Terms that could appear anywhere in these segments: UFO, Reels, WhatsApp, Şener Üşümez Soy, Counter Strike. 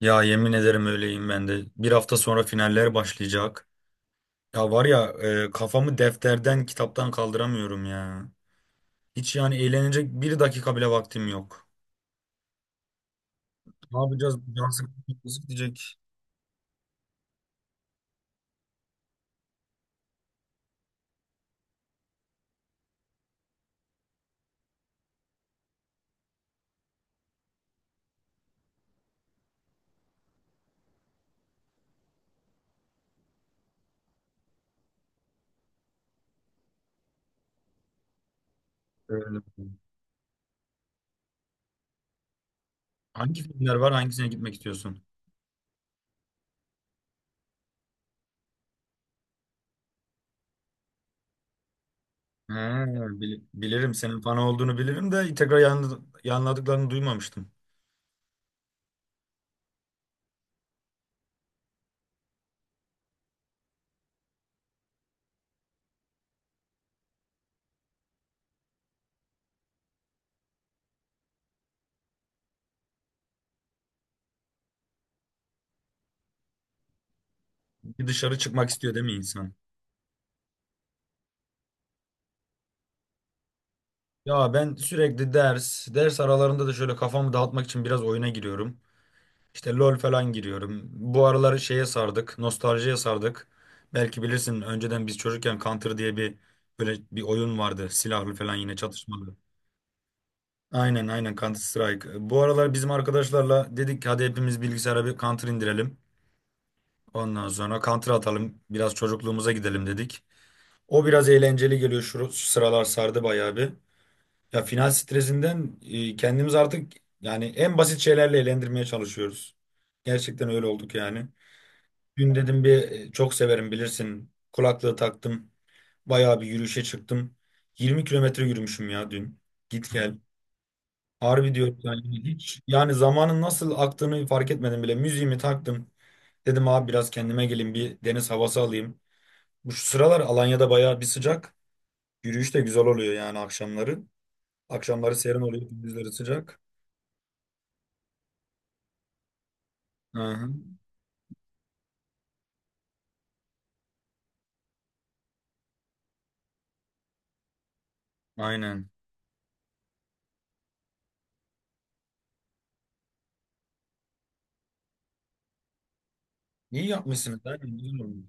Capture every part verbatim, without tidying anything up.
Ya yemin ederim öyleyim ben de. Bir hafta sonra finaller başlayacak. Ya var ya, e, kafamı defterden, kitaptan kaldıramıyorum ya. Hiç yani eğlenecek bir dakika bile vaktim yok. Ne yapacağız? Can sıkıcı gidecek. Öyle. Hangi filmler var? Hangisine gitmek istiyorsun? He, bil- bilirim senin fan olduğunu bilirim de tekrar yan, yanladıklarını duymamıştım. Bir dışarı çıkmak istiyor değil mi insan? Ya ben sürekli ders, ders aralarında da şöyle kafamı dağıtmak için biraz oyuna giriyorum. İşte LoL falan giriyorum. Bu aralar şeye sardık, nostaljiye sardık. Belki bilirsin önceden biz çocukken Counter diye bir böyle bir oyun vardı. Silahlı falan yine çatışmalı. Aynen, aynen, Counter Strike. Bu aralar bizim arkadaşlarla dedik ki hadi hepimiz bilgisayara bir Counter indirelim. Ondan sonra Counter atalım. Biraz çocukluğumuza gidelim dedik. O biraz eğlenceli geliyor, şu, şu sıralar sardı bayağı bir. Ya final stresinden e, kendimiz artık yani en basit şeylerle eğlendirmeye çalışıyoruz. Gerçekten öyle olduk yani. Dün dedim bir e, çok severim bilirsin. Kulaklığı taktım. Bayağı bir yürüyüşe çıktım. yirmi kilometre yürümüşüm ya dün. Git gel. Harbi diyorum yani hiç. Yani zamanın nasıl aktığını fark etmedim bile. Müziğimi taktım. Dedim abi biraz kendime geleyim, bir deniz havası alayım. Bu şu sıralar Alanya'da bayağı bir sıcak. Yürüyüş de güzel oluyor yani akşamları. Akşamları serin oluyor, gündüzleri sıcak. Hı hı. Aynen. İyi yapmışsınız. Aynen, güzel olmuş.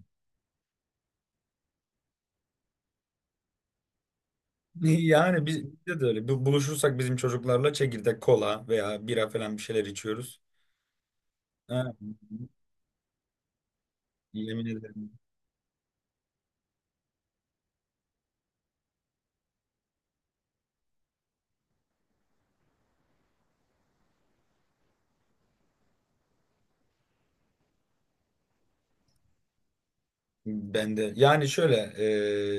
Yani biz, bizde de öyle. Bu- Buluşursak bizim çocuklarla çekirdek, kola veya bira falan bir şeyler içiyoruz. Ha, yemin ederim. Ben de. Yani şöyle,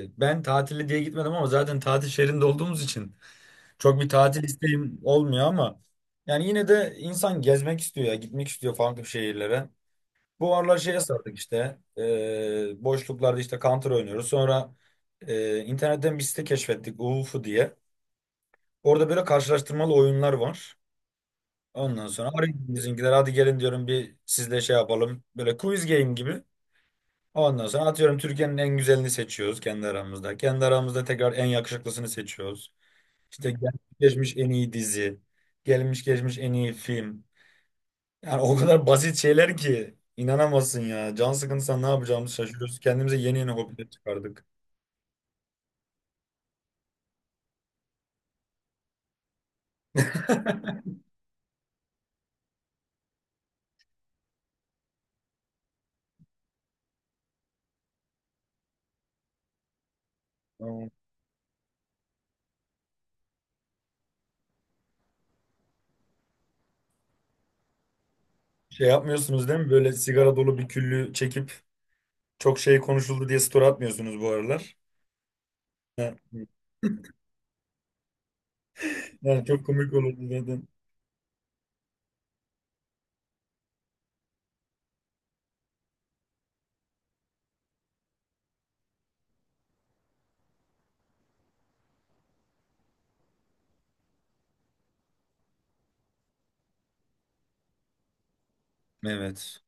e, ben tatili diye gitmedim ama zaten tatil şehrinde olduğumuz için çok bir tatil isteğim olmuyor ama yani yine de insan gezmek istiyor ya, gitmek istiyor farklı şehirlere. Bu aralar şeye sardık işte, e, boşluklarda işte Counter oynuyoruz. Sonra e, internetten bir site keşfettik, UFO diye. Orada böyle karşılaştırmalı oyunlar var. Ondan sonra arayın bizimkiler hadi gelin diyorum, bir sizle şey yapalım. Böyle quiz game gibi. Ondan sonra atıyorum Türkiye'nin en güzelini seçiyoruz kendi aramızda. Kendi aramızda tekrar en yakışıklısını seçiyoruz. İşte gelmiş geçmiş en iyi dizi. Gelmiş geçmiş en iyi film. Yani o kadar basit şeyler ki inanamazsın ya. Can sıkıntısı ne yapacağımızı şaşırıyoruz. Kendimize yeni yeni hobiler çıkardık. Ama... Şey yapmıyorsunuz değil mi? Böyle sigara dolu bir küllü çekip çok şey konuşuldu diye story atmıyorsunuz bu aralar. Ha, evet. Yani çok komik olurdu zaten. Evet.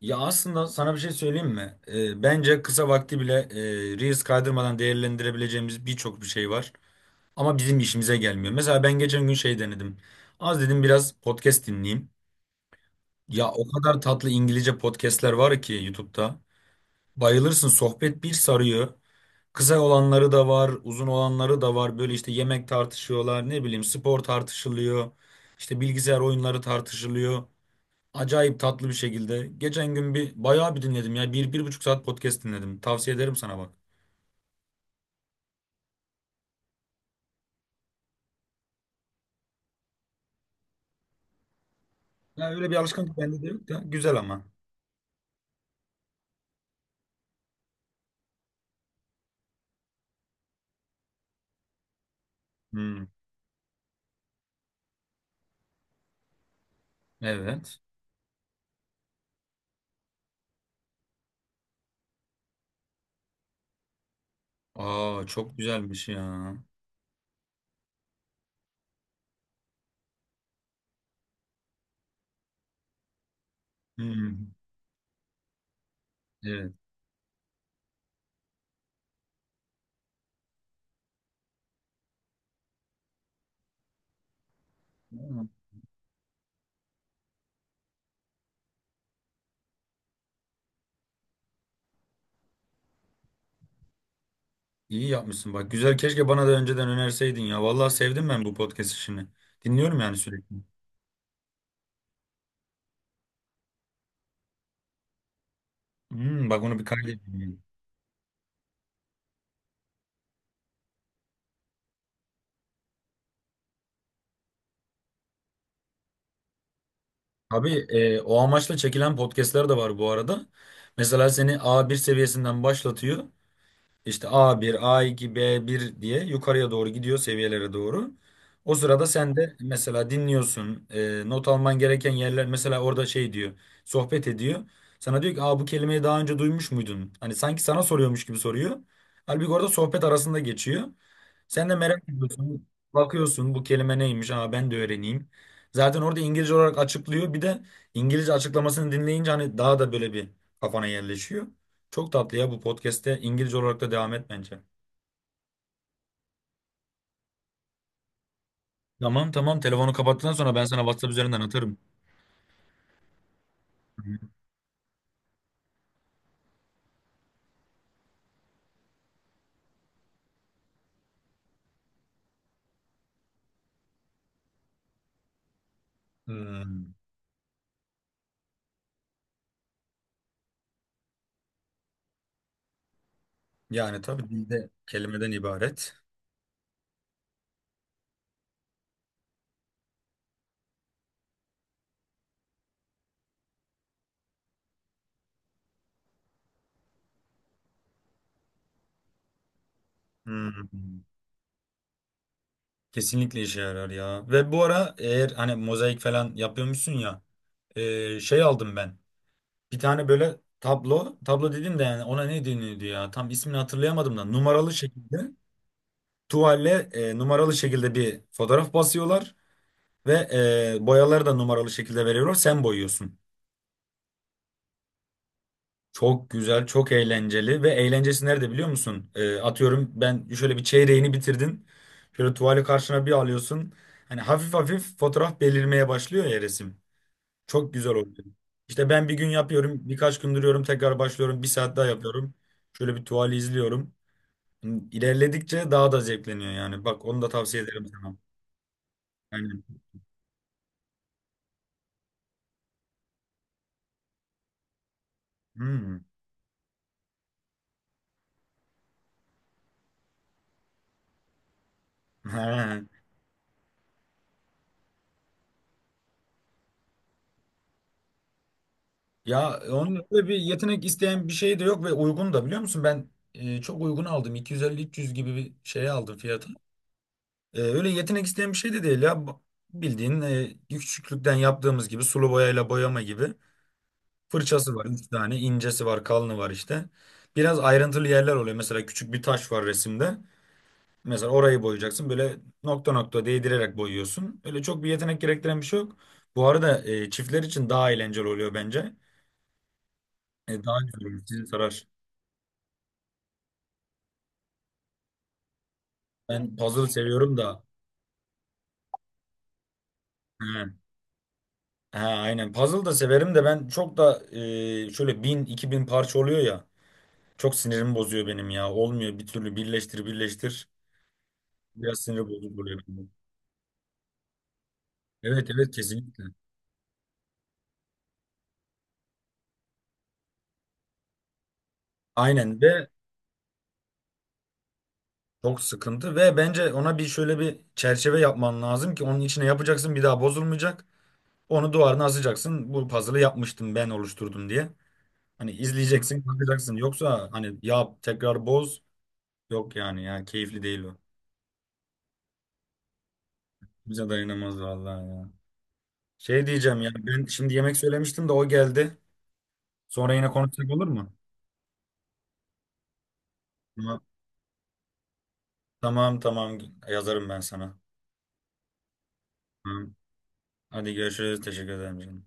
Ya aslında sana bir şey söyleyeyim mi? Ee, bence kısa vakti bile e, Reels kaydırmadan değerlendirebileceğimiz birçok bir şey var. Ama bizim işimize gelmiyor. Mesela ben geçen gün şey denedim. Az dedim biraz podcast dinleyeyim. Ya o kadar tatlı İngilizce podcastler var ki YouTube'da. Bayılırsın, sohbet bir sarıyor. Kısa olanları da var, uzun olanları da var. Böyle işte yemek tartışıyorlar, ne bileyim spor tartışılıyor. İşte bilgisayar oyunları tartışılıyor. Acayip tatlı bir şekilde. Geçen gün bir bayağı bir dinledim ya. Bir, bir buçuk saat podcast dinledim. Tavsiye ederim sana bak. Ya öyle bir alışkanlık bende de yok da. Güzel ama. Hmm. Evet. Aa, çok güzelmiş ya. Hmm. Evet. Aa. İyi yapmışsın bak. Güzel, keşke bana da önceden önerseydin ya. Vallahi sevdim ben bu podcast işini. Dinliyorum yani sürekli. Hmm, bak onu bir kaydedeyim. Tabii, e, o amaçla çekilen podcastler de var bu arada. Mesela seni a bir seviyesinden başlatıyor. İşte a bir, a iki, b bir diye yukarıya doğru gidiyor, seviyelere doğru. O sırada sen de mesela dinliyorsun. E, not alman gereken yerler, mesela orada şey diyor. Sohbet ediyor. Sana diyor ki, "Aa, bu kelimeyi daha önce duymuş muydun?" Hani sanki sana soruyormuş gibi soruyor. Halbuki orada sohbet arasında geçiyor. Sen de merak ediyorsun. Bakıyorsun bu kelime neymiş? Aa, ben de öğreneyim. Zaten orada İngilizce olarak açıklıyor. Bir de İngilizce açıklamasını dinleyince hani daha da böyle bir kafana yerleşiyor. Çok tatlı ya, bu podcast'te İngilizce olarak da devam et bence. Tamam, tamam, telefonu kapattıktan sonra ben sana WhatsApp üzerinden atarım. Hmm. Yani tabii dilde kelimeden ibaret. Hmm. Kesinlikle işe yarar ya. Ve bu ara eğer hani mozaik falan yapıyormuşsun ya, e, şey aldım ben. Bir tane böyle tablo, tablo dedim de yani ona ne deniyordu ya? Tam ismini hatırlayamadım da numaralı şekilde tuvalle, e, numaralı şekilde bir fotoğraf basıyorlar ve e, boyaları da numaralı şekilde veriyorlar. Sen boyuyorsun. Çok güzel, çok eğlenceli ve eğlencesi nerede biliyor musun? E, atıyorum ben şöyle bir çeyreğini bitirdin. Şöyle tuvali karşına bir alıyorsun. Hani hafif hafif fotoğraf belirmeye başlıyor ya, resim. Çok güzel oluyor. İşte ben bir gün yapıyorum, birkaç gün duruyorum, tekrar başlıyorum, bir saat daha yapıyorum. Şöyle bir tuvali izliyorum. İlerledikçe daha da zevkleniyor yani. Bak onu da tavsiye ederim sana. Aynen. Hmm. He. Ya onun öyle bir yetenek isteyen bir şey de yok ve uygun da, biliyor musun? Ben e, çok uygun aldım. iki yüz elli üç yüz gibi bir şey aldım fiyatı. E, öyle yetenek isteyen bir şey de değil ya. Bu- Bildiğin, e, küçüklükten yaptığımız gibi sulu boyayla boyama gibi. Fırçası var üç tane, incesi var, kalını var işte. Biraz ayrıntılı yerler oluyor. Mesela küçük bir taş var resimde. Mesela orayı boyayacaksın. Böyle nokta nokta değdirerek boyuyorsun. Öyle çok bir yetenek gerektiren bir şey yok. Bu arada e, çiftler için daha eğlenceli oluyor bence. E, daha güzel olur, sizi sarar. Ben puzzle seviyorum da. He, he, aynen. Puzzle da severim de ben çok da e, şöyle bin, iki bin parça oluyor ya. Çok sinirimi bozuyor benim ya. Olmuyor bir türlü, birleştir birleştir. Biraz sinir bozucu oluyor benim. Evet, evet, kesinlikle. Aynen ve çok sıkıntı ve bence ona bir şöyle bir çerçeve yapman lazım ki onun içine yapacaksın, bir daha bozulmayacak. Onu duvarına asacaksın. Bu puzzle'ı yapmıştım, ben oluşturdum diye. Hani izleyeceksin bakacaksın. Yoksa hani yap tekrar boz. Yok yani ya, keyifli değil o. Bize dayanamaz vallahi ya. Şey diyeceğim ya, ben şimdi yemek söylemiştim de o geldi. Sonra yine konuşsak olur mu? Tamam, tamam, tamam, yazarım ben sana. Tamam. Hadi görüşürüz, teşekkür ederim canım.